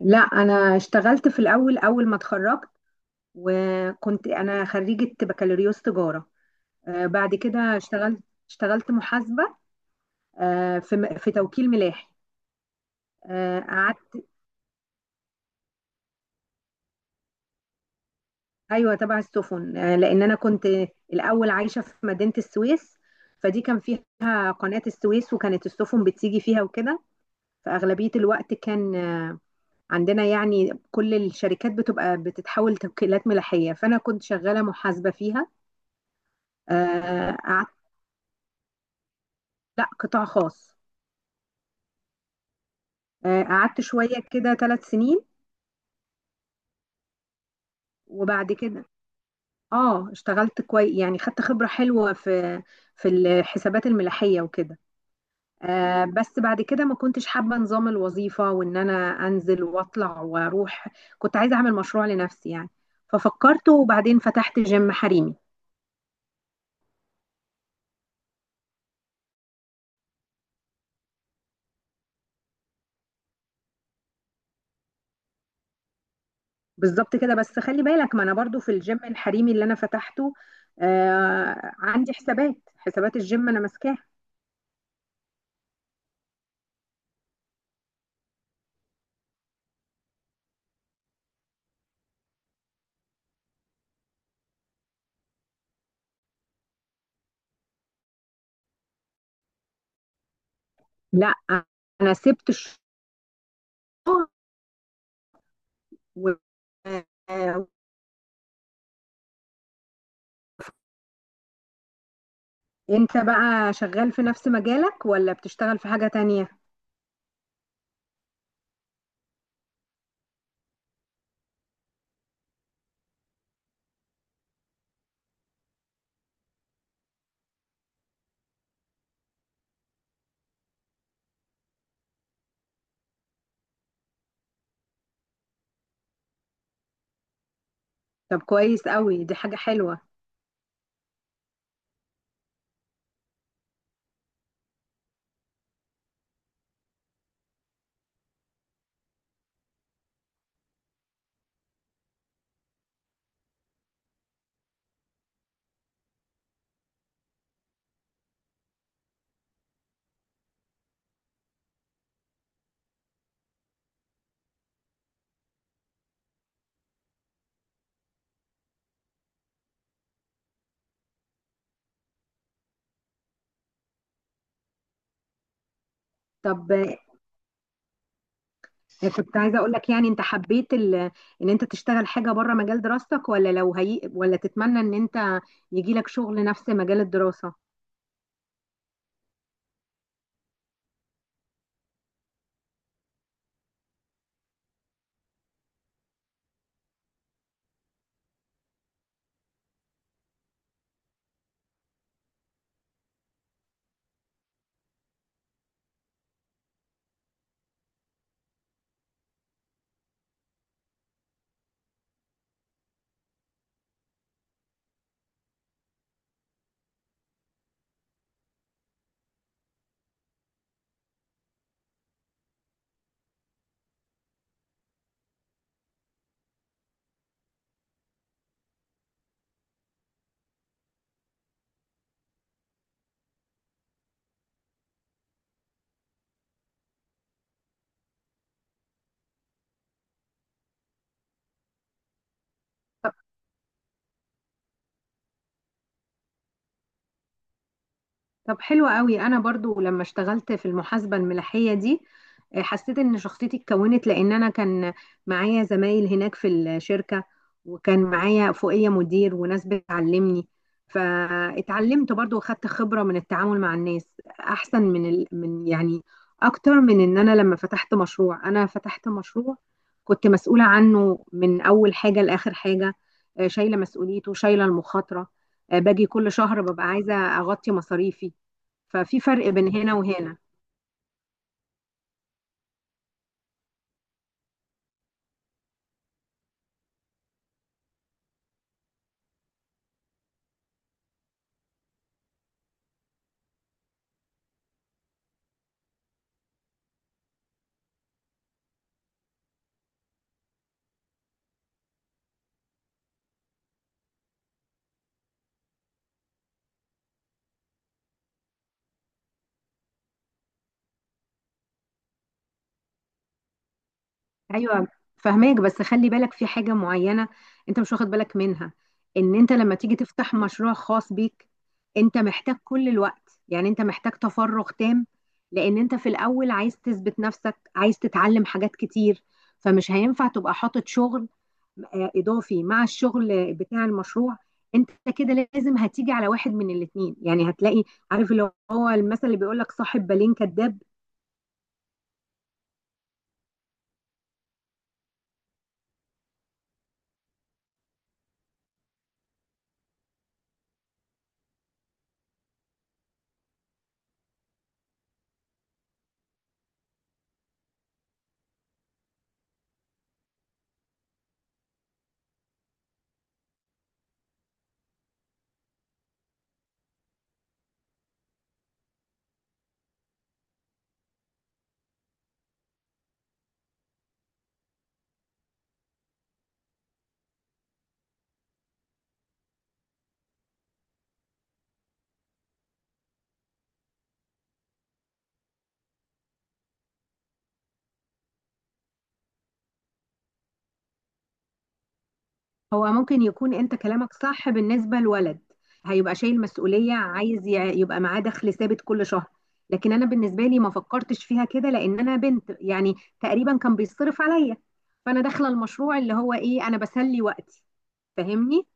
لا، انا اشتغلت في الاول، اول ما اتخرجت. وكنت انا خريجة بكالوريوس تجارة. بعد كده اشتغلت محاسبة. في توكيل ملاحي. قعدت. ايوه، تبع السفن. لان انا كنت الاول عايشة في مدينة السويس، فدي كان فيها قناة السويس، وكانت السفن بتيجي فيها وكده. فأغلبية الوقت كان عندنا يعني كل الشركات بتبقى بتتحول توكيلات ملاحية، فأنا كنت شغالة محاسبة فيها. آه، لا، قطاع خاص. قعدت شوية كده 3 سنين. وبعد كده اه اشتغلت كويس، يعني خدت خبرة حلوة في الحسابات الملاحية وكده. بس بعد كده ما كنتش حابة نظام الوظيفة، وان انا انزل واطلع واروح. كنت عايزة اعمل مشروع لنفسي يعني. ففكرت، وبعدين فتحت جيم حريمي. بالظبط كده، بس خلي بالك، ما انا برضو في الجيم الحريمي اللي انا فتحته عندي حسابات الجيم انا ماسكاها. لا، انا سبت الشغل. و... آه، انت بقى شغال في نفس مجالك ولا بتشتغل في حاجة تانية؟ طب، كويس قوي، دي حاجة حلوة. طب، كنت عايزة اقول لك يعني، انت حبيت ان انت تشتغل حاجة بره مجال دراستك، ولا ولا تتمنى ان انت يجي لك شغل نفس مجال الدراسة؟ طب، حلو قوي. انا برضو لما اشتغلت في المحاسبه الملاحيه دي، حسيت ان شخصيتي اتكونت، لان انا كان معايا زمايل هناك في الشركه، وكان معايا فوقيه مدير وناس بتعلمني. فاتعلمت برضو، واخدت خبره من التعامل مع الناس احسن من يعني اكتر من، ان انا لما فتحت مشروع، انا فتحت مشروع كنت مسؤوله عنه من اول حاجه لاخر حاجه. شايله مسؤوليته، شايله المخاطره. باجي كل شهر ببقى عايزه اغطي مصاريفي. ففي فرق بين هنا وهنا. ايوه، فهماك، بس خلي بالك في حاجه معينه انت مش واخد بالك منها، ان انت لما تيجي تفتح مشروع خاص بيك، انت محتاج كل الوقت، يعني انت محتاج تفرغ تام. لان انت في الاول عايز تثبت نفسك، عايز تتعلم حاجات كتير. فمش هينفع تبقى حاطط شغل اضافي مع الشغل بتاع المشروع. انت كده لازم هتيجي على واحد من الاتنين، يعني هتلاقي، عارف اللي هو المثل اللي بيقول لك: صاحب بالين كذاب. هو ممكن يكون انت كلامك صح بالنسبة لولد هيبقى شايل مسؤولية، عايز يبقى معاه دخل ثابت كل شهر. لكن انا بالنسبة لي، ما فكرتش فيها كده، لان انا بنت يعني، تقريبا كان بيصرف عليا. فانا داخلة المشروع اللي هو ايه، انا بسلي وقتي. فاهمني؟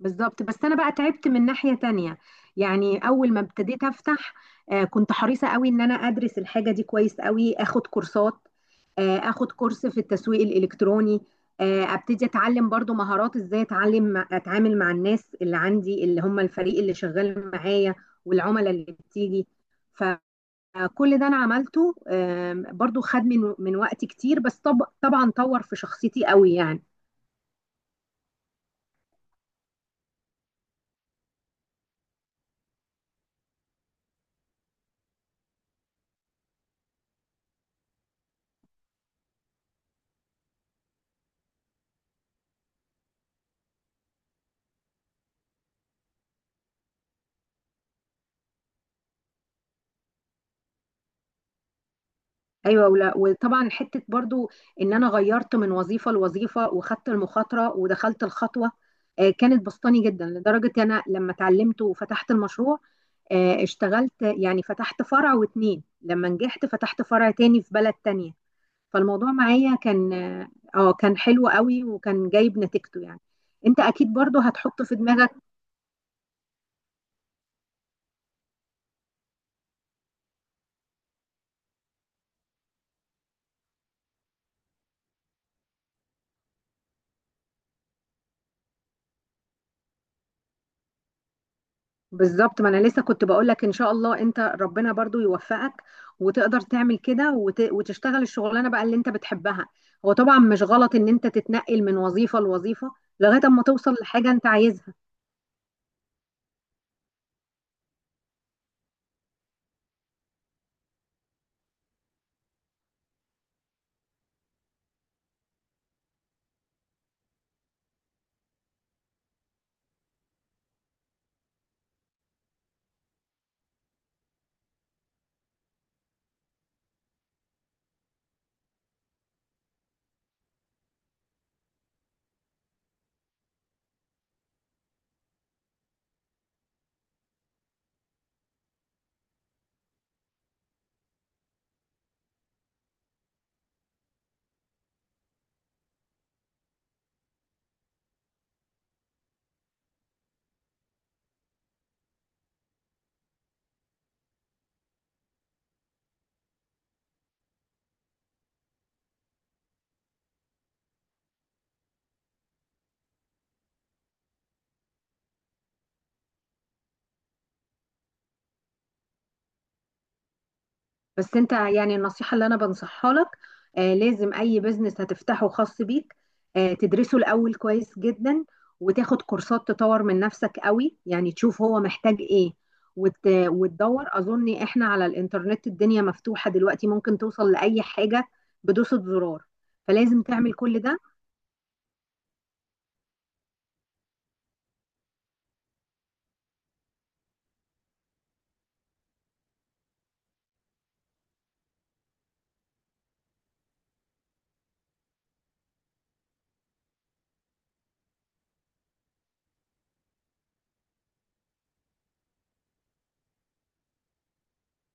بالظبط، بس انا بقى تعبت من ناحية تانية. يعني اول ما ابتديت افتح، كنت حريصة قوي ان انا ادرس الحاجة دي كويس قوي، اخد كورسات. اخد كورس في التسويق الالكتروني. ابتدي اتعلم برضو مهارات، ازاي اتعلم اتعامل مع الناس اللي عندي اللي هم الفريق اللي شغال معايا، والعملاء اللي بتيجي. فكل ده انا عملته، برضو خد من وقت كتير، بس طب طبعا طور في شخصيتي قوي يعني. ايوه، ولا، وطبعا حته برضو ان انا غيرت من وظيفه لوظيفه، وخدت المخاطره، ودخلت الخطوه. كانت بسطاني جدا لدرجه انا لما اتعلمت وفتحت المشروع. اشتغلت يعني فتحت فرع واتنين، لما نجحت فتحت فرع تاني في بلد تانية. فالموضوع معايا كان كان حلو قوي، وكان جايب نتيجته يعني. انت اكيد برضو هتحط في دماغك. بالظبط، ما انا لسه كنت بقول لك، ان شاء الله انت ربنا برضو يوفقك، وتقدر تعمل كده وتشتغل الشغلانه بقى اللي انت بتحبها. هو طبعا مش غلط ان انت تتنقل من وظيفه لوظيفه، لغايه اما توصل لحاجه انت عايزها. بس انت يعني النصيحة اللي انا بنصحها لك، لازم اي بزنس هتفتحه خاص بيك تدرسه الاول كويس جدا. وتاخد كورسات، تطور من نفسك قوي، يعني تشوف هو محتاج ايه، وتدور. اظن احنا على الانترنت الدنيا مفتوحة دلوقتي، ممكن توصل لأي حاجة بدوسة زرار. فلازم تعمل كل ده.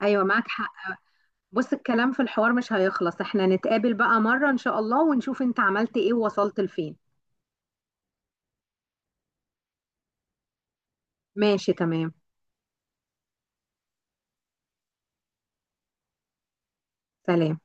ايوه، معاك حق. بص، الكلام في الحوار مش هيخلص، احنا نتقابل بقى مرة ان شاء الله، ونشوف انت عملت ايه ووصلت لفين. ماشي، تمام. سلام.